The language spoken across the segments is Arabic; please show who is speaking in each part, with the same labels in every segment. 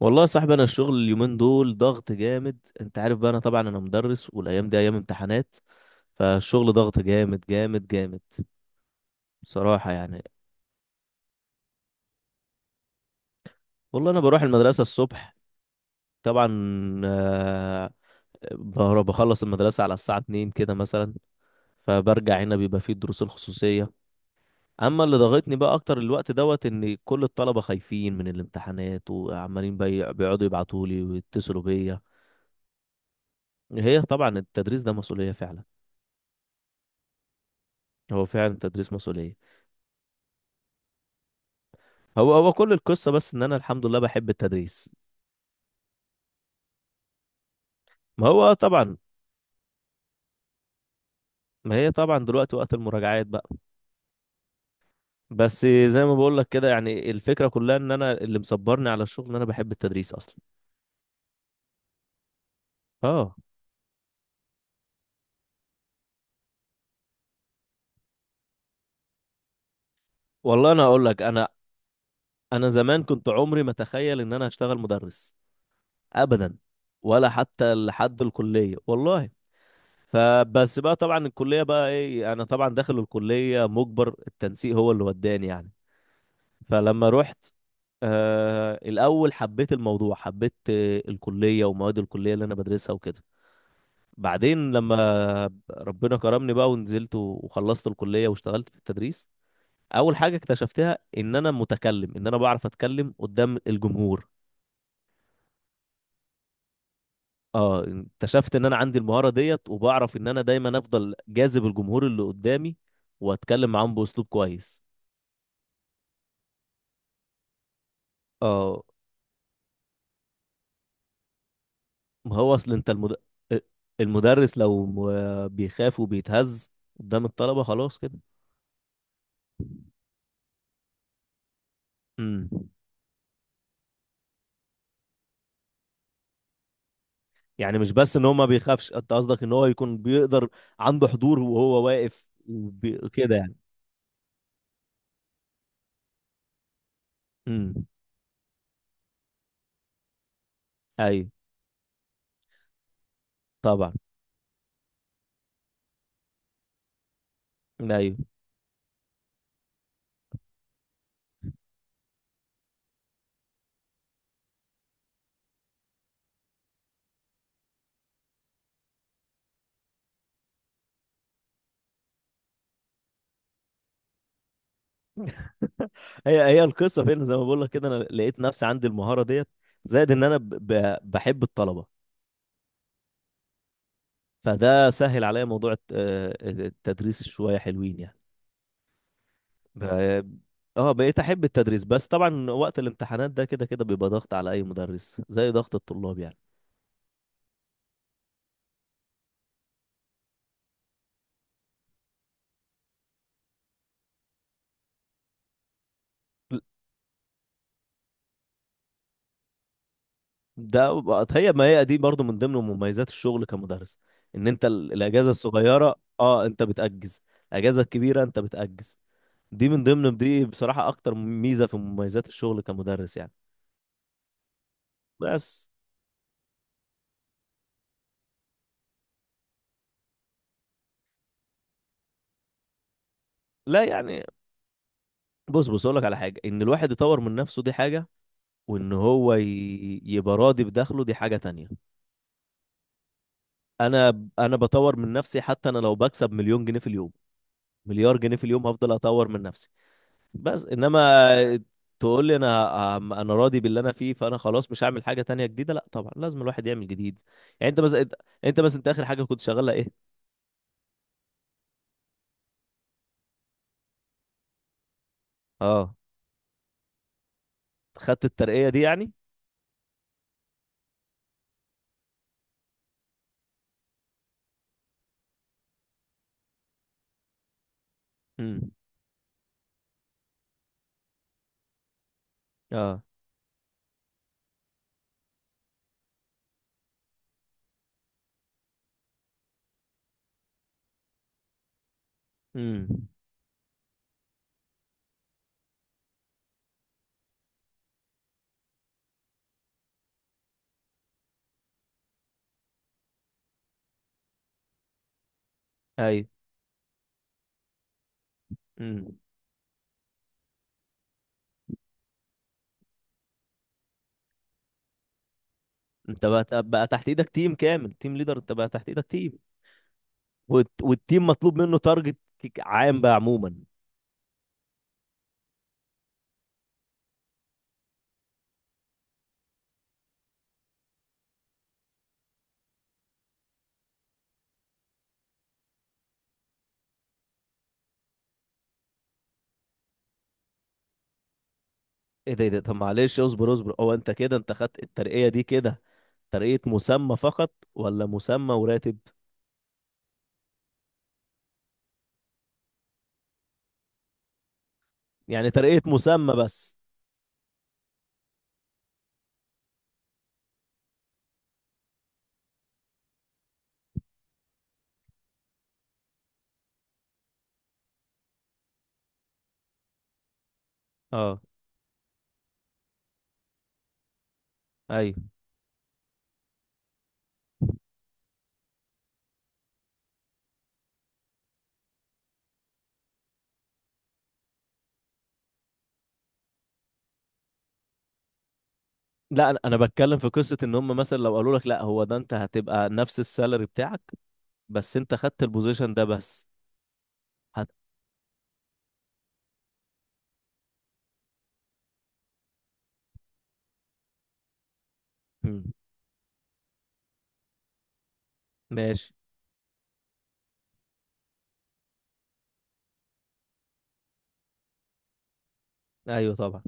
Speaker 1: والله يا صاحبي، انا الشغل اليومين دول ضغط جامد. انت عارف بقى، انا طبعا انا مدرس والايام دي ايام امتحانات، فالشغل ضغط جامد جامد جامد. بصراحة يعني. والله انا بروح المدرسة الصبح طبعا، آه، بخلص المدرسة على الساعة 2 كده مثلا، فبرجع هنا بيبقى فيه الدروس الخصوصية. اما اللي ضغطني بقى اكتر الوقت دوت ان كل الطلبة خايفين من الامتحانات وعمالين بيقعدوا يبعتوا لي ويتصلوا بيا. هي طبعا التدريس ده مسؤولية فعلا. هو فعلا التدريس مسؤولية. هو كل القصة بس ان انا الحمد لله بحب التدريس. ما هو طبعا. ما هي طبعا دلوقتي وقت المراجعات بقى. بس زي ما بقول لك كده يعني الفكرة كلها ان انا اللي مصبرني على الشغل ان انا بحب التدريس اصلا. اه. والله انا اقول لك انا زمان كنت عمري ما اتخيل ان انا هشتغل مدرس ابدا، ولا حتى لحد الكلية والله. فبس بقى طبعا الكلية بقى ايه، انا طبعا داخل الكلية مجبر، التنسيق هو اللي وداني يعني. فلما رحت، آه الأول حبيت الموضوع، حبيت الكلية ومواد الكلية اللي أنا بدرسها وكده. بعدين لما ربنا كرمني بقى ونزلت وخلصت الكلية واشتغلت في التدريس، أول حاجة اكتشفتها إن أنا متكلم، إن أنا بعرف أتكلم قدام الجمهور. اه، اكتشفت ان انا عندي المهارة ديت، وبعرف ان انا دايما افضل جاذب الجمهور اللي قدامي واتكلم معاهم باسلوب كويس. اه. ما هو اصل انت المدرس لو بيخاف وبيتهز قدام الطلبة خلاص كده. امم. يعني مش بس ان هو ما بيخافش، انت قصدك ان هو يكون بيقدر، عنده حضور وهو واقف كده يعني. امم. ايوه طبعا. ايوه، هي القصة فين. زي ما بقول لك كده، انا لقيت نفسي عندي المهارة ديت، زائد ان انا بحب الطلبة، فده سهل عليا موضوع التدريس شوية حلوين يعني. ب- اه، بقيت احب التدريس. بس طبعا وقت الامتحانات ده كده كده بيبقى ضغط على اي مدرس، زي ضغط الطلاب يعني. هي ما هي دي برضو من ضمن مميزات الشغل كمدرس، ان انت الاجازه الصغيره اه انت بتأجز، الاجازه الكبيره انت بتأجز. دي من ضمن، دي بصراحه اكتر ميزه في مميزات الشغل كمدرس يعني. بس. لا يعني، بص اقول لك على حاجه، ان الواحد يطور من نفسه دي حاجه، وان هو يبقى راضي بدخله دي حاجه تانية. انا بطور من نفسي، حتى انا لو بكسب مليون جنيه في اليوم، مليار جنيه في اليوم، هفضل اطور من نفسي. بس انما تقول لي انا راضي باللي انا فيه فانا خلاص مش هعمل حاجه تانية جديده، لا طبعا لازم الواحد يعمل جديد يعني. انت بس انت اخر حاجه كنت شغاله ايه؟ اه. خدت الترقيه دي يعني. امم. اه. امم. ايوه. امم. انت بقى بقى تحت ايدك تيم كامل تيم ليدر انت بقى تحت ايدك تيم. والتيم مطلوب منه تارجت عام بقى، عموما. ايه ده، ايه ده، طب معلش، اصبر، هو انت كده انت خدت الترقية دي كده ترقية مسمى فقط ولا مسمى وراتب؟ يعني ترقية مسمى بس. اه. ايوه. لا، انا أنا بتكلم في قصة ان هم مثلا لو قالوا لك لا هو ده، انت هتبقى نفس السالري بتاعك بس انت خدت البوزيشن ده بس. هت... مم. ماشي. ايوه طبعا.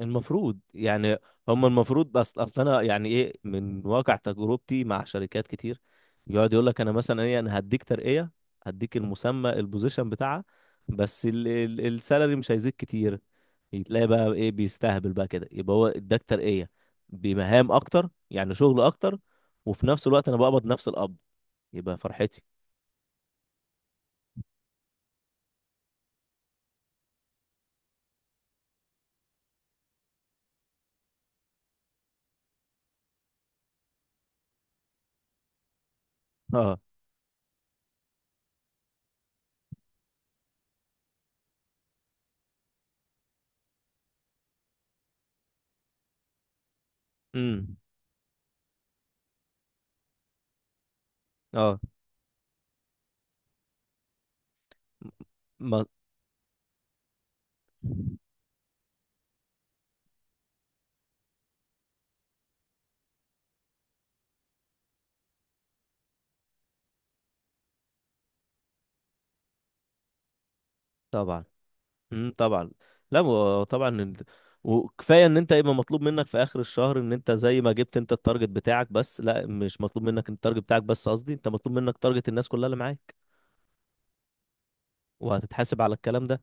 Speaker 1: المفروض يعني. هم المفروض. بس اصل انا يعني ايه، من واقع تجربتي مع شركات كتير، يقعد يقول لك انا مثلا ايه، انا هديك ترقية، هديك المسمى البوزيشن بتاعها، بس السالري مش هيزيد كتير. تلاقي بقى ايه، بيستهبل بقى كده، يبقى هو اداك ترقية بمهام اكتر يعني شغل اكتر، وفي نفس الوقت انا بقبض نفس القبض، يبقى فرحتي. اه. امم. اه. ما طبعا. امم. طبعا. لا، طبعا وكفايه ان انت يبقى مطلوب منك في اخر الشهر ان انت زي ما جبت انت التارجت بتاعك، بس لا، مش مطلوب منك التارجت بتاعك بس، قصدي انت مطلوب منك تارجت الناس كلها اللي معاك، وهتتحاسب على الكلام ده.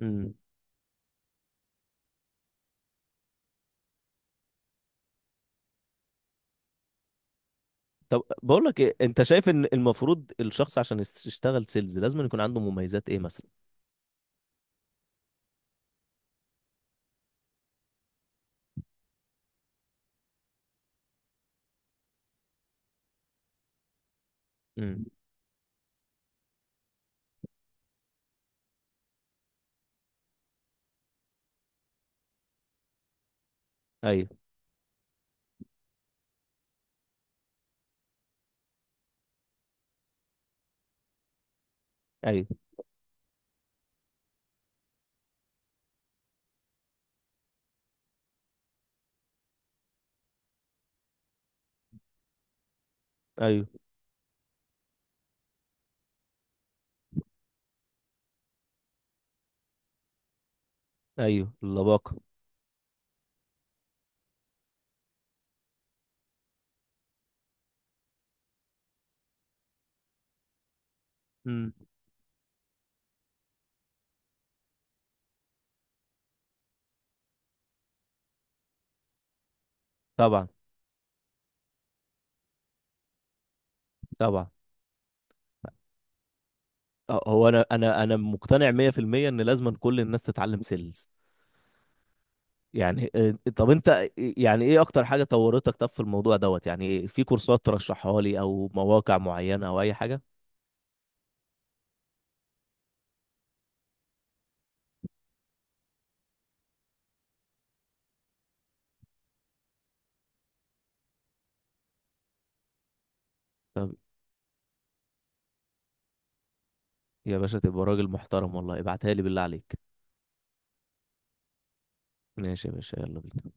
Speaker 1: امم. طب بقول لك ايه، انت شايف ان المفروض الشخص عشان يشتغل سيلز لازم يكون عنده مميزات ايه مثلا؟ امم. ايوه، ايوه، ايوه، ايوه، اللباقه. امم. طبعا. طبعا. أه، هو انا مقتنع 100% ان لازم كل الناس تتعلم سيلز يعني. آه، طب انت إيه، يعني ايه اكتر حاجة طورتك طب في الموضوع دوت يعني؟ إيه؟ في كورسات ترشحها لي او مواقع معينة او اي حاجة؟ طب يا باشا تبقى راجل محترم والله، ابعتها لي بالله عليك. ماشي يا باشا، يلا بينا.